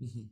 Hmm.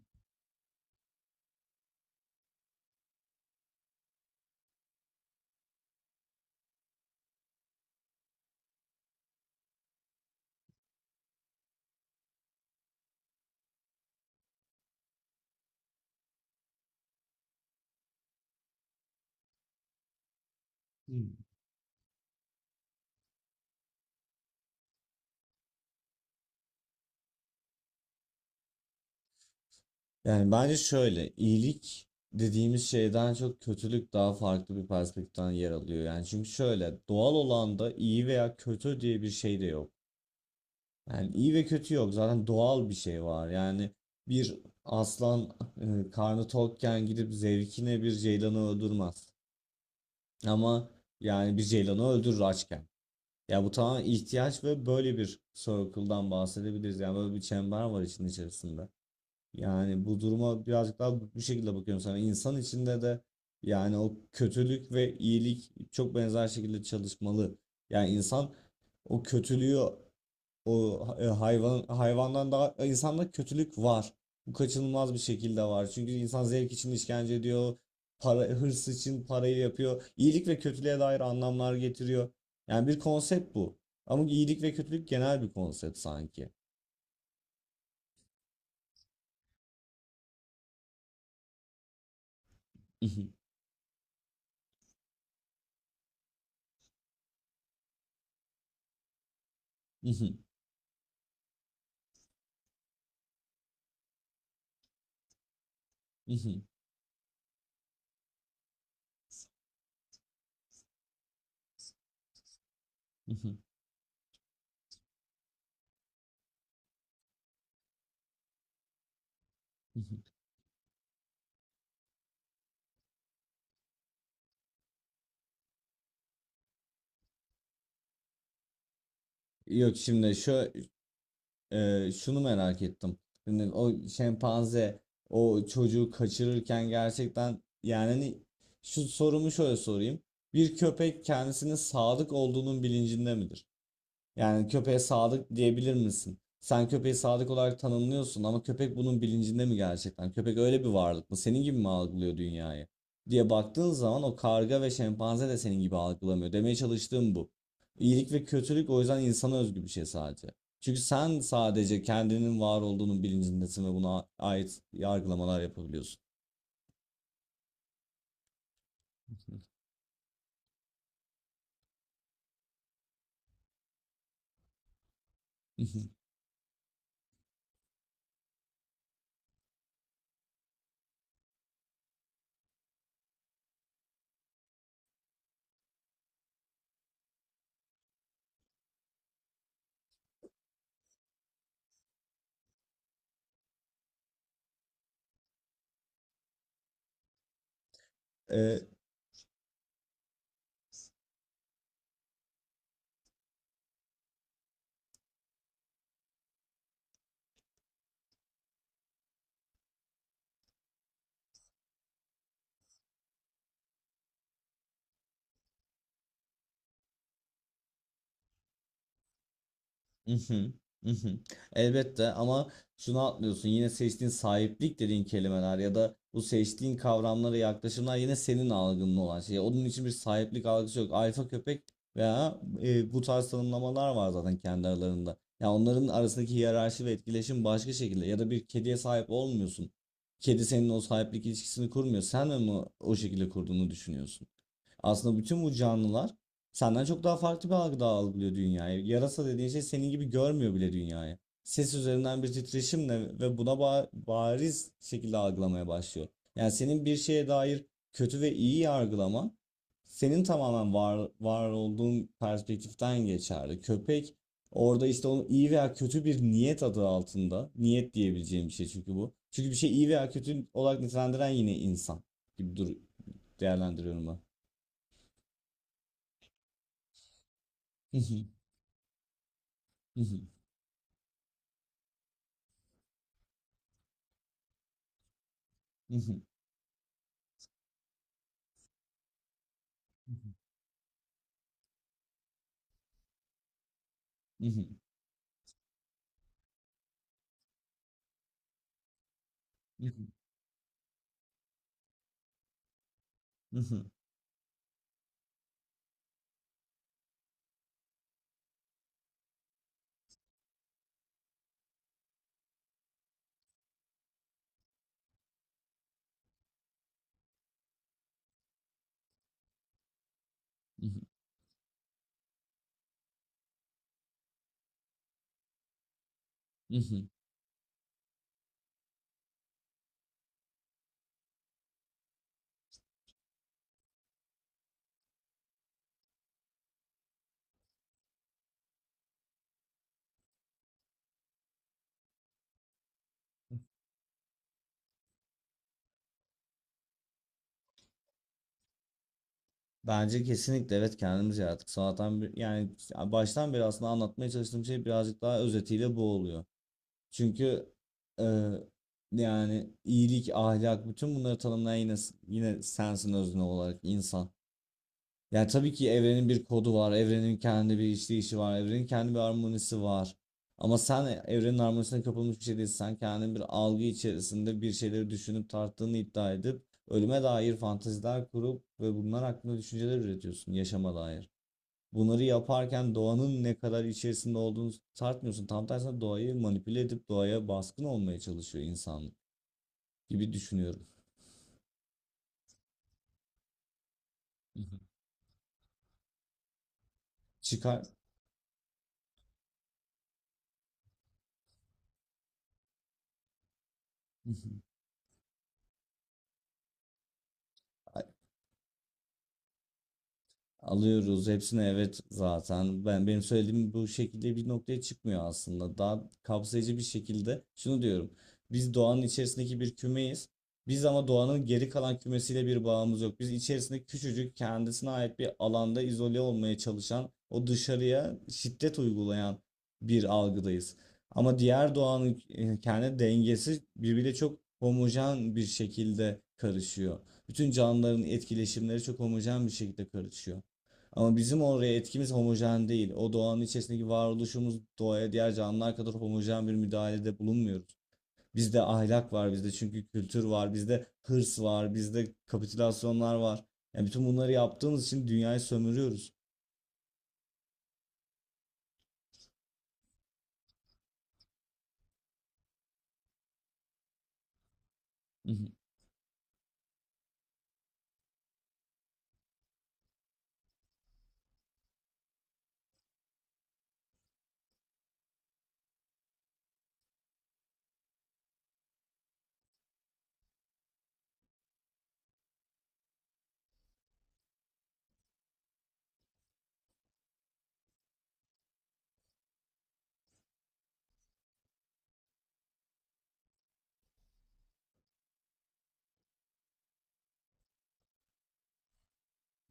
Yani bence şöyle, iyilik dediğimiz şeyden çok kötülük daha farklı bir perspektiften yer alıyor. Yani çünkü şöyle, doğal olan da iyi veya kötü diye bir şey de yok. Yani iyi ve kötü yok. Zaten doğal bir şey var. Yani bir aslan karnı tokken gidip zevkine bir ceylanı öldürmez. Ama yani bir ceylanı öldürür açken. Ya bu tamamen ihtiyaç ve böyle bir circle'dan bahsedebiliriz. Yani böyle bir çember var işin içerisinde. Yani bu duruma birazcık daha bu şekilde bakıyorum sana. İnsan içinde de yani o kötülük ve iyilik çok benzer şekilde çalışmalı. Yani insan o kötülüğü hayvan hayvandan daha insanda kötülük var. Bu kaçınılmaz bir şekilde var. Çünkü insan zevk için işkence ediyor. Para, hırs için parayı yapıyor. İyilik ve kötülüğe dair anlamlar getiriyor. Yani bir konsept bu. Ama iyilik ve kötülük genel bir konsept sanki. Yok şimdi şunu merak ettim. Şimdi o şempanze o çocuğu kaçırırken gerçekten yani hani şu sorumu şöyle sorayım. Bir köpek kendisinin sadık olduğunun bilincinde midir? Yani köpeğe sadık diyebilir misin? Sen köpeği sadık olarak tanımlıyorsun ama köpek bunun bilincinde mi gerçekten? Köpek öyle bir varlık mı? Senin gibi mi algılıyor dünyayı? Diye baktığın zaman o karga ve şempanze de senin gibi algılamıyor. Demeye çalıştığım bu. İyilik ve kötülük o yüzden insana özgü bir şey sadece. Çünkü sen sadece kendinin var olduğunun bilincindesin ve buna ait yargılamalar yapabiliyorsun. Ee, Hı hı, hı hı. Elbette ama şunu atlıyorsun yine seçtiğin sahiplik dediğin kelimeler ya da bu seçtiğin kavramlara yaklaşımlar yine senin algının olan şey. Onun için bir sahiplik algısı yok. Alfa köpek veya bu tarz tanımlamalar var zaten kendi aralarında. Ya onların arasındaki hiyerarşi ve etkileşim başka şekilde ya da bir kediye sahip olmuyorsun. Kedi senin o sahiplik ilişkisini kurmuyor. Sen mi onu o şekilde kurduğunu düşünüyorsun? Aslında bütün bu canlılar senden çok daha farklı bir algıda algılıyor dünyayı. Yarasa dediğin şey senin gibi görmüyor bile dünyayı. Ses üzerinden bir titreşimle ve buna bariz şekilde algılamaya başlıyor. Yani senin bir şeye dair kötü ve iyi yargılaman senin tamamen var olduğun perspektiften geçerli. Köpek orada işte onun iyi veya kötü bir niyet adı altında. Niyet diyebileceğim bir şey çünkü bu. Çünkü bir şey iyi veya kötü olarak nitelendiren yine insan gibi dur değerlendiriyorum ben. Bence kesinlikle evet kendimiz yarattık. Sonradan bir, yani baştan beri aslında anlatmaya çalıştığım şey birazcık daha özetiyle bu oluyor. Çünkü e, yani iyilik, ahlak bütün bunları tanımlayan yine sensin özne olarak insan. Yani tabii ki evrenin bir kodu var, evrenin kendi bir işleyişi var, evrenin kendi bir harmonisi var. Ama sen evrenin harmonisine kapılmış bir şey değilsin. Sen kendin bir algı içerisinde bir şeyleri düşünüp tarttığını iddia edip ölüme dair fanteziler kurup ve bunlar hakkında düşünceler üretiyorsun yaşama dair. Bunları yaparken doğanın ne kadar içerisinde olduğunu tartmıyorsun. Tam tersine doğayı manipüle edip doğaya baskın olmaya çalışıyor insan gibi düşünüyorum. Çıkar. Alıyoruz hepsini evet zaten. Benim söylediğim bu şekilde bir noktaya çıkmıyor aslında. Daha kapsayıcı bir şekilde şunu diyorum. Biz doğanın içerisindeki bir kümeyiz. Biz ama doğanın geri kalan kümesiyle bir bağımız yok. Biz içerisinde küçücük kendisine ait bir alanda izole olmaya çalışan, o dışarıya şiddet uygulayan bir algıdayız. Ama diğer doğanın kendi dengesi birbiriyle çok homojen bir şekilde karışıyor. Bütün canlıların etkileşimleri çok homojen bir şekilde karışıyor. Ama bizim oraya etkimiz homojen değil. O doğanın içerisindeki varoluşumuz doğaya diğer canlılar kadar homojen bir müdahalede bulunmuyoruz. Bizde ahlak var, bizde çünkü kültür var, bizde hırs var, bizde kapitülasyonlar var. Yani bütün bunları yaptığımız için dünyayı sömürüyoruz.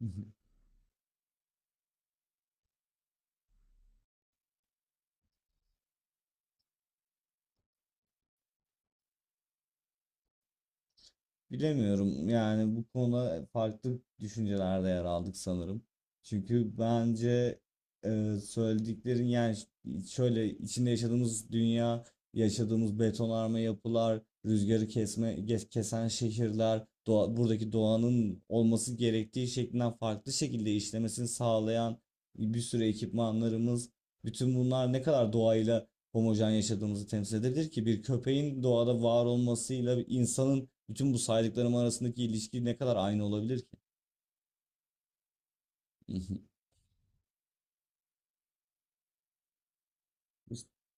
Bilemiyorum yani bu konuda farklı düşüncelerde yer aldık sanırım. Çünkü bence söylediklerin yani şöyle içinde yaşadığımız dünya, yaşadığımız betonarme yapılar, rüzgarı kesen şehirler, doğa, buradaki doğanın olması gerektiği şeklinden farklı şekilde işlemesini sağlayan bir sürü ekipmanlarımız, bütün bunlar ne kadar doğayla homojen yaşadığımızı temsil edebilir ki bir köpeğin doğada var olmasıyla bir insanın bütün bu saydıklarım arasındaki ilişki ne kadar aynı olabilir ki?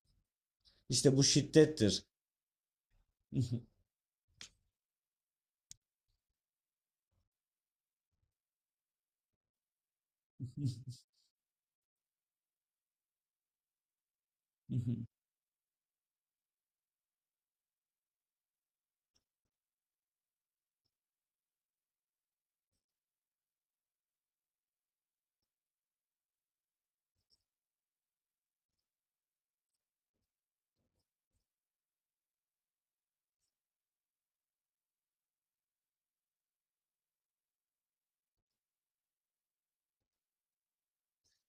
İşte bu şiddettir.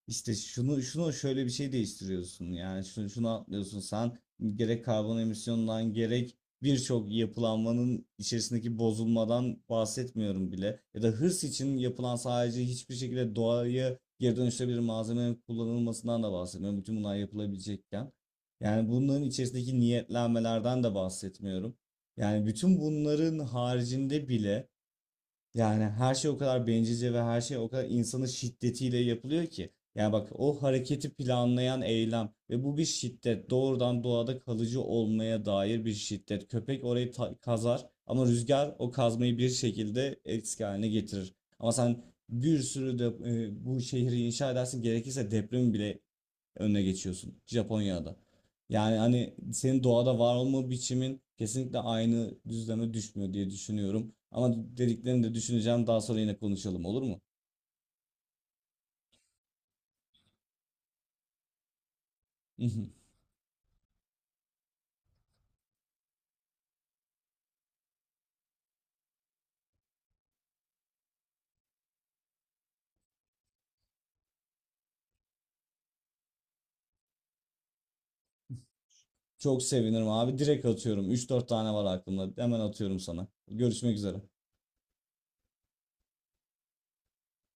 İşte şunu şöyle bir şey değiştiriyorsun yani şunu atlıyorsun sen, gerek karbon emisyonundan gerek birçok yapılanmanın içerisindeki bozulmadan bahsetmiyorum bile ya da hırs için yapılan sadece hiçbir şekilde doğaya geri dönüşebilir malzemenin kullanılmasından da bahsetmiyorum bütün bunlar yapılabilecekken, yani bunların içerisindeki niyetlenmelerden de bahsetmiyorum, yani bütün bunların haricinde bile yani her şey o kadar bencilce ve her şey o kadar insanın şiddetiyle yapılıyor ki. Yani bak o hareketi planlayan eylem ve bu bir şiddet. Doğrudan doğada kalıcı olmaya dair bir şiddet. Köpek orayı kazar ama rüzgar o kazmayı bir şekilde eski haline getirir. Ama sen bir sürü de bu şehri inşa edersin, gerekirse depremi bile önüne geçiyorsun Japonya'da. Yani hani senin doğada var olma biçimin kesinlikle aynı düzleme düşmüyor diye düşünüyorum. Ama dediklerini de düşüneceğim. Daha sonra yine konuşalım, olur mu? Çok sevinirim abi. Direkt atıyorum. Üç dört tane var aklımda. Hemen atıyorum sana. Görüşmek üzere.